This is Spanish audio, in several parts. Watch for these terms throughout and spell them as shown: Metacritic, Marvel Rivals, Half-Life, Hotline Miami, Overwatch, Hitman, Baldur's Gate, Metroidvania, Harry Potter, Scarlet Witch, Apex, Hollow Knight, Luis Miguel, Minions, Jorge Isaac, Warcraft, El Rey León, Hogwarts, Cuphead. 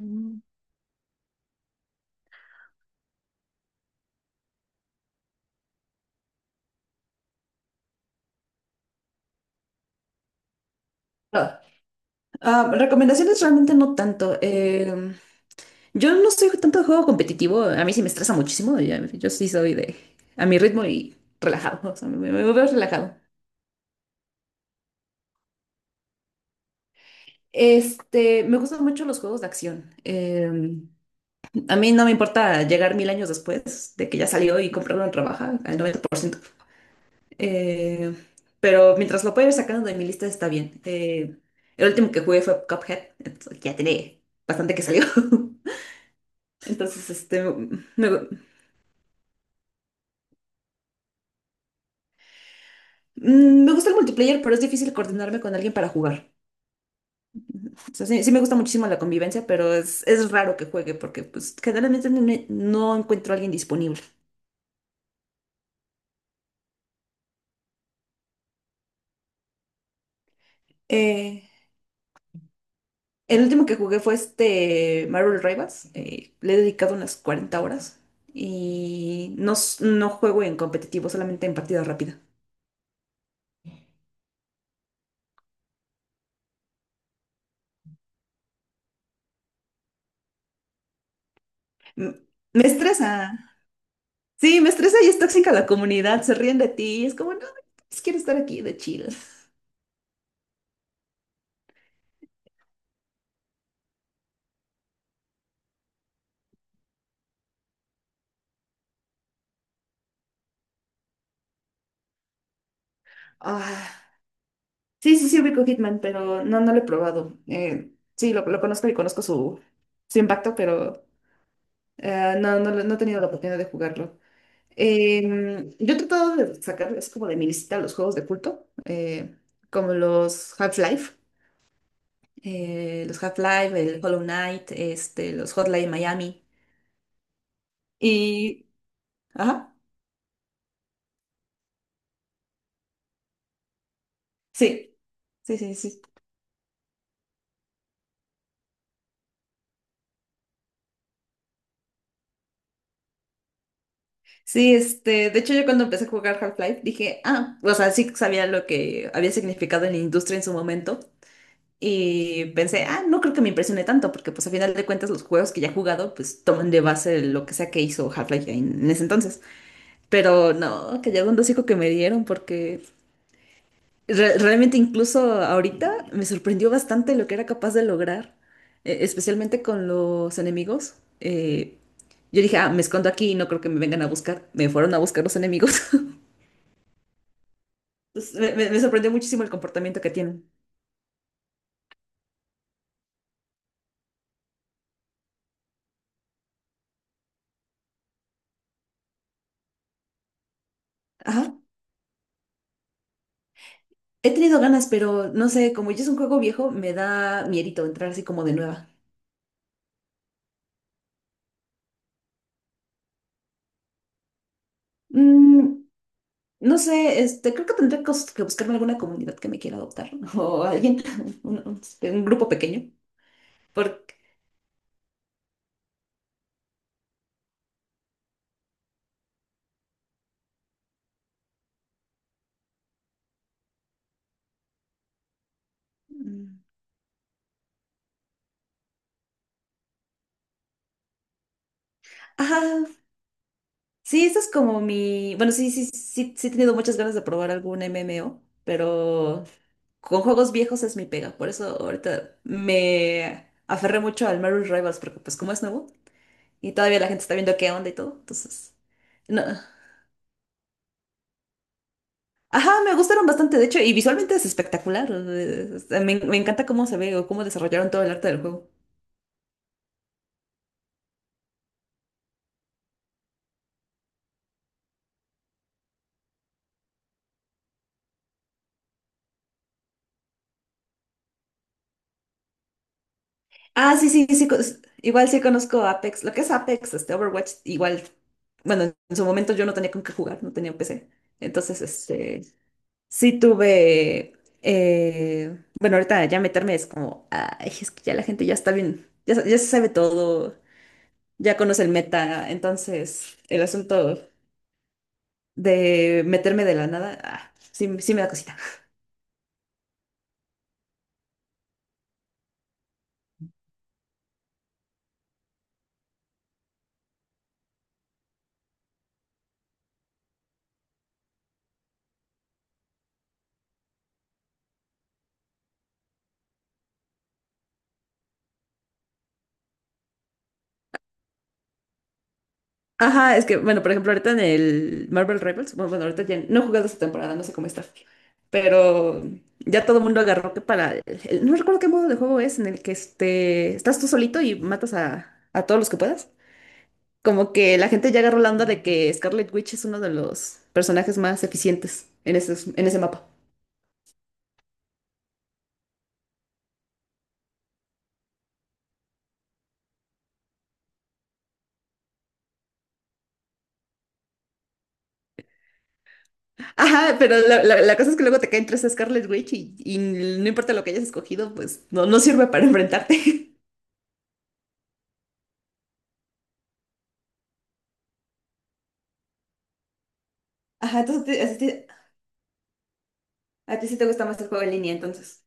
Mm. Ah, recomendaciones realmente no tanto. Yo no soy tanto de juego competitivo, a mí sí me estresa muchísimo, yo, sí soy de a mi ritmo y relajado, o sea, me veo relajado. Este, me gustan mucho los juegos de acción. A mí no me importa llegar mil años después de que ya salió y comprarlo en rebaja al 90%. Eh, pero mientras lo pueda ir sacando de mi lista está bien. El último que jugué fue Cuphead, entonces ya tiene bastante que salió. Entonces, este, me, me gusta el multiplayer, pero es difícil coordinarme con alguien para jugar. O sea, sí, sí me gusta muchísimo la convivencia, pero es raro que juegue porque pues generalmente no, no encuentro a alguien disponible. Eh, el último que jugué fue este Marvel Rivals. Le he dedicado unas 40 horas y no, no juego en competitivo, solamente en partida rápida. M- Me estresa. Sí, me estresa y es tóxica la comunidad, se ríen de ti es como, no, pues, quiero estar aquí de chill. Ah, sí, sí, sí, ubico Hitman, pero no, no lo he probado. Sí, lo conozco y conozco su impacto, pero no he tenido la oportunidad de jugarlo. Yo he tratado de sacar, es como de mi lista, los juegos de culto, como los Half-Life, el Hollow Knight, este, los Hotline Miami. Y, ajá, sí, sí, sí, sí. Sí, este, de hecho yo cuando empecé a jugar Half-Life dije, ah, o sea, sí sabía lo que había significado en la industria en su momento. Y pensé, ah, no creo que me impresione tanto, porque pues a final de cuentas los juegos que ya he jugado, pues toman de base lo que sea que hizo Half-Life en ese entonces. Pero no, que ya un hocico que me dieron, porque realmente incluso ahorita me sorprendió bastante lo que era capaz de lograr, especialmente con los enemigos. Yo dije, ah, me escondo aquí y no creo que me vengan a buscar. Me fueron a buscar los enemigos. Pues, me sorprendió muchísimo el comportamiento que tienen. Ajá. He tenido ganas, pero no sé, como ya es un juego viejo, me da miedito entrar así como de nueva. Mm, no sé, este, creo que tendré que buscarme alguna comunidad que me quiera adoptar o alguien, este, un grupo pequeño. Porque... Mm. Ajá, sí, esa es como mi... Bueno, sí, sí, sí, sí he tenido muchas ganas de probar algún MMO, pero con juegos viejos es mi pega. Por eso ahorita me aferré mucho al Marvel Rivals, porque pues como es nuevo y todavía la gente está viendo qué onda y todo, entonces... No. Ajá, me gustaron bastante, de hecho, y visualmente es espectacular. O sea, me encanta cómo se ve o cómo desarrollaron todo el arte del juego. Ah, sí, sí, sí, igual sí conozco Apex. Lo que es Apex, este Overwatch, igual, bueno, en su momento yo no tenía con qué jugar, no tenía PC. Entonces, este, sí tuve, bueno, ahorita ya meterme es como, ay, es que ya la gente ya está bien, ya, ya se sabe todo, ya conoce el meta, entonces el asunto de meterme de la nada, ah, sí, sí me da cosita. Ajá, es que, bueno, por ejemplo, ahorita en el Marvel Rivals, bueno, ahorita ya no he jugado esta temporada, no sé cómo está, pero ya todo el mundo agarró que para, no recuerdo qué modo de juego es, en el que este, estás tú solito y matas a todos los que puedas. Como que la gente ya agarró la onda de que Scarlet Witch es uno de los personajes más eficientes en ese mapa. Ajá, pero la cosa es que luego te caen tres Scarlet Witch y no importa lo que hayas escogido, pues no, no sirve para enfrentarte. Ajá, entonces, así, a ti sí te gusta más el juego en línea, entonces.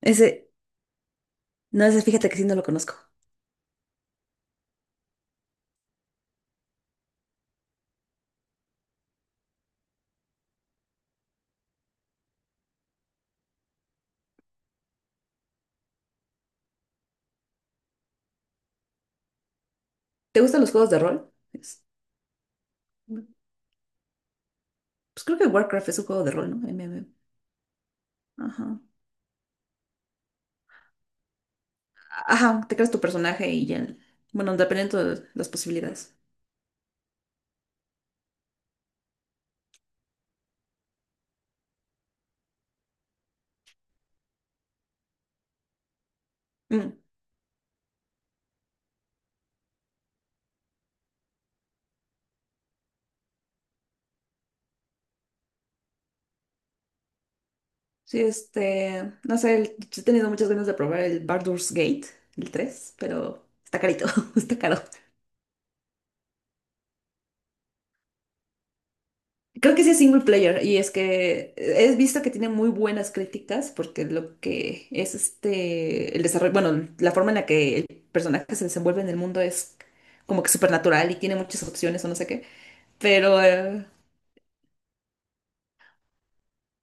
Ese, no, ese fíjate que sí no lo conozco. ¿Te gustan los juegos de rol? Pues creo que Warcraft es un juego de rol, ¿no? MMO. Ajá. Ajá, te creas tu personaje y ya. Bueno, dependiendo de las posibilidades. Mm. Sí, este, no sé, he tenido muchas ganas de probar el Baldur's Gate, el 3, pero está carito, está caro. Creo que sí es single player y es que he visto que tiene muy buenas críticas porque lo que es este, el desarrollo, bueno, la forma en la que el personaje se desenvuelve en el mundo es como que supernatural y tiene muchas opciones o no sé qué, pero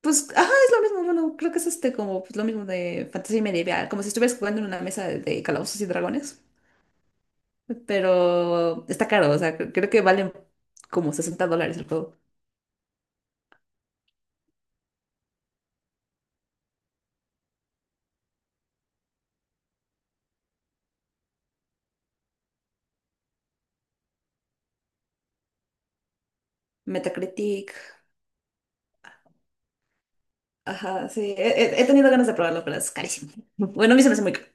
pues, ajá, es lo mismo, bueno, creo que es este como pues, lo mismo de fantasía medieval, como si estuvieras jugando en una mesa de calabozos y dragones, pero está caro, o sea, creo que valen como $60 el juego. Metacritic. Ajá, he tenido ganas de probarlo, pero es carísimo. Bueno, a mí se me hace muy caro.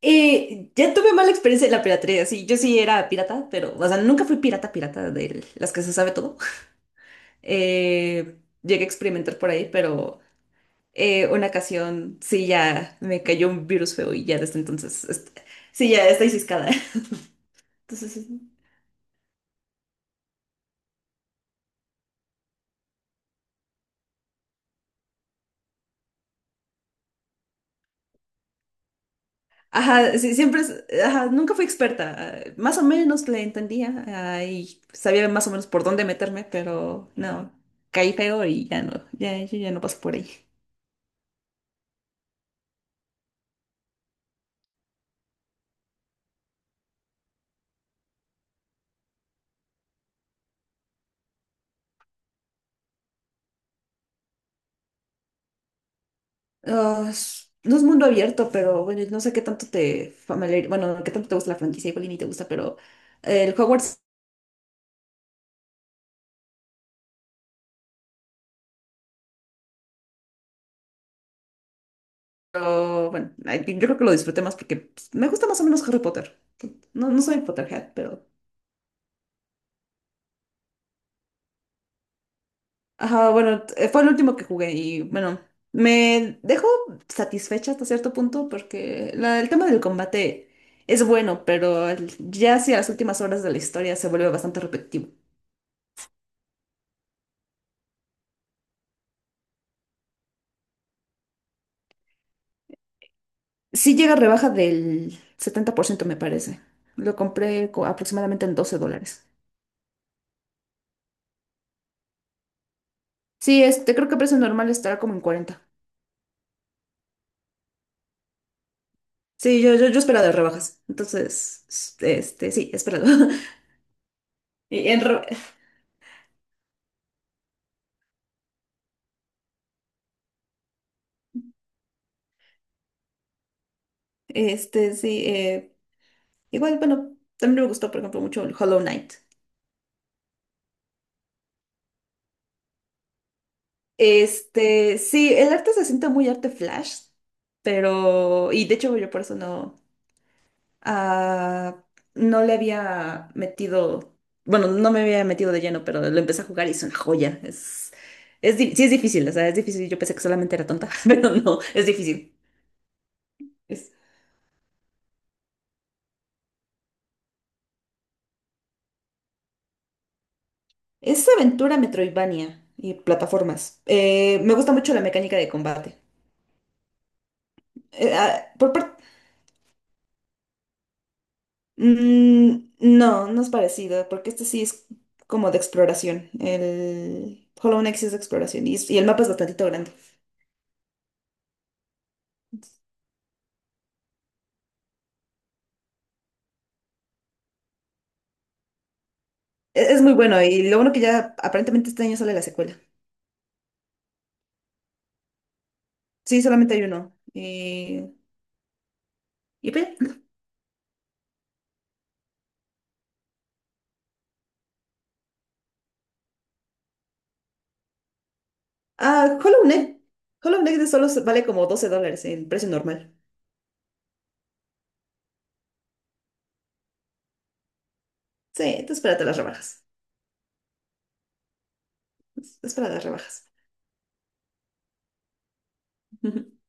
Y ya tuve mala experiencia en la piratería, sí, yo sí era pirata, pero, o sea, nunca fui pirata, pirata de las que se sabe todo. Eh, llegué a experimentar por ahí, pero una ocasión sí ya me cayó un virus feo y ya desde entonces, este, sí, ya estoy ciscada. Entonces, ajá, sí, siempre, ajá, nunca fui experta, más o menos le entendía, ah, y sabía más o menos por dónde meterme, pero no, caí feo y ya no, ya, yo ya no paso por ahí. Ah, no es mundo abierto, pero bueno, no sé qué tanto te familiar, bueno, qué tanto te gusta la franquicia, igual y ni te gusta, pero el Hogwarts, pero, bueno, ay, yo creo que lo disfruté más porque pues, me gusta más o menos Harry Potter. No, no soy Potterhead, pero ajá, bueno, fue el último que jugué y bueno, me dejó satisfecha hasta cierto punto porque el tema del combate es bueno, pero ya hacia las últimas horas de la historia se vuelve bastante repetitivo. Sí llega a rebaja del 70% me parece. Lo compré aproximadamente en $12. Sí, este, creo que precio normal estará como en 40. Sí, yo esperaba de rebajas. Entonces, este, sí, he esperado. Y en re- este, sí, igual, bueno, también me gustó, por ejemplo, mucho el Hollow Knight. Este, sí, el arte se siente muy arte flash, pero, y de hecho yo por eso no, ah, no le había metido, bueno, no me había metido de lleno, pero lo empecé a jugar y es una joya. Sí es difícil, o sea, es difícil. Yo pensé que solamente era tonta, pero no, es difícil. Es, es aventura Metroidvania y plataformas. Me gusta mucho la mecánica de combate. Por parte no, no es parecido, porque este sí es como de exploración. El Hollow Knight sí es de exploración y, y el mapa es bastantito grande. Es muy bueno y lo bueno que ya aparentemente este año sale la secuela. Sí, solamente hay uno. Y pues, ya. Ah, Hollow Knight. Hollow Knight de solo vale como $12 el precio normal. Sí, entonces espérate las rebajas. Espera las rebajas.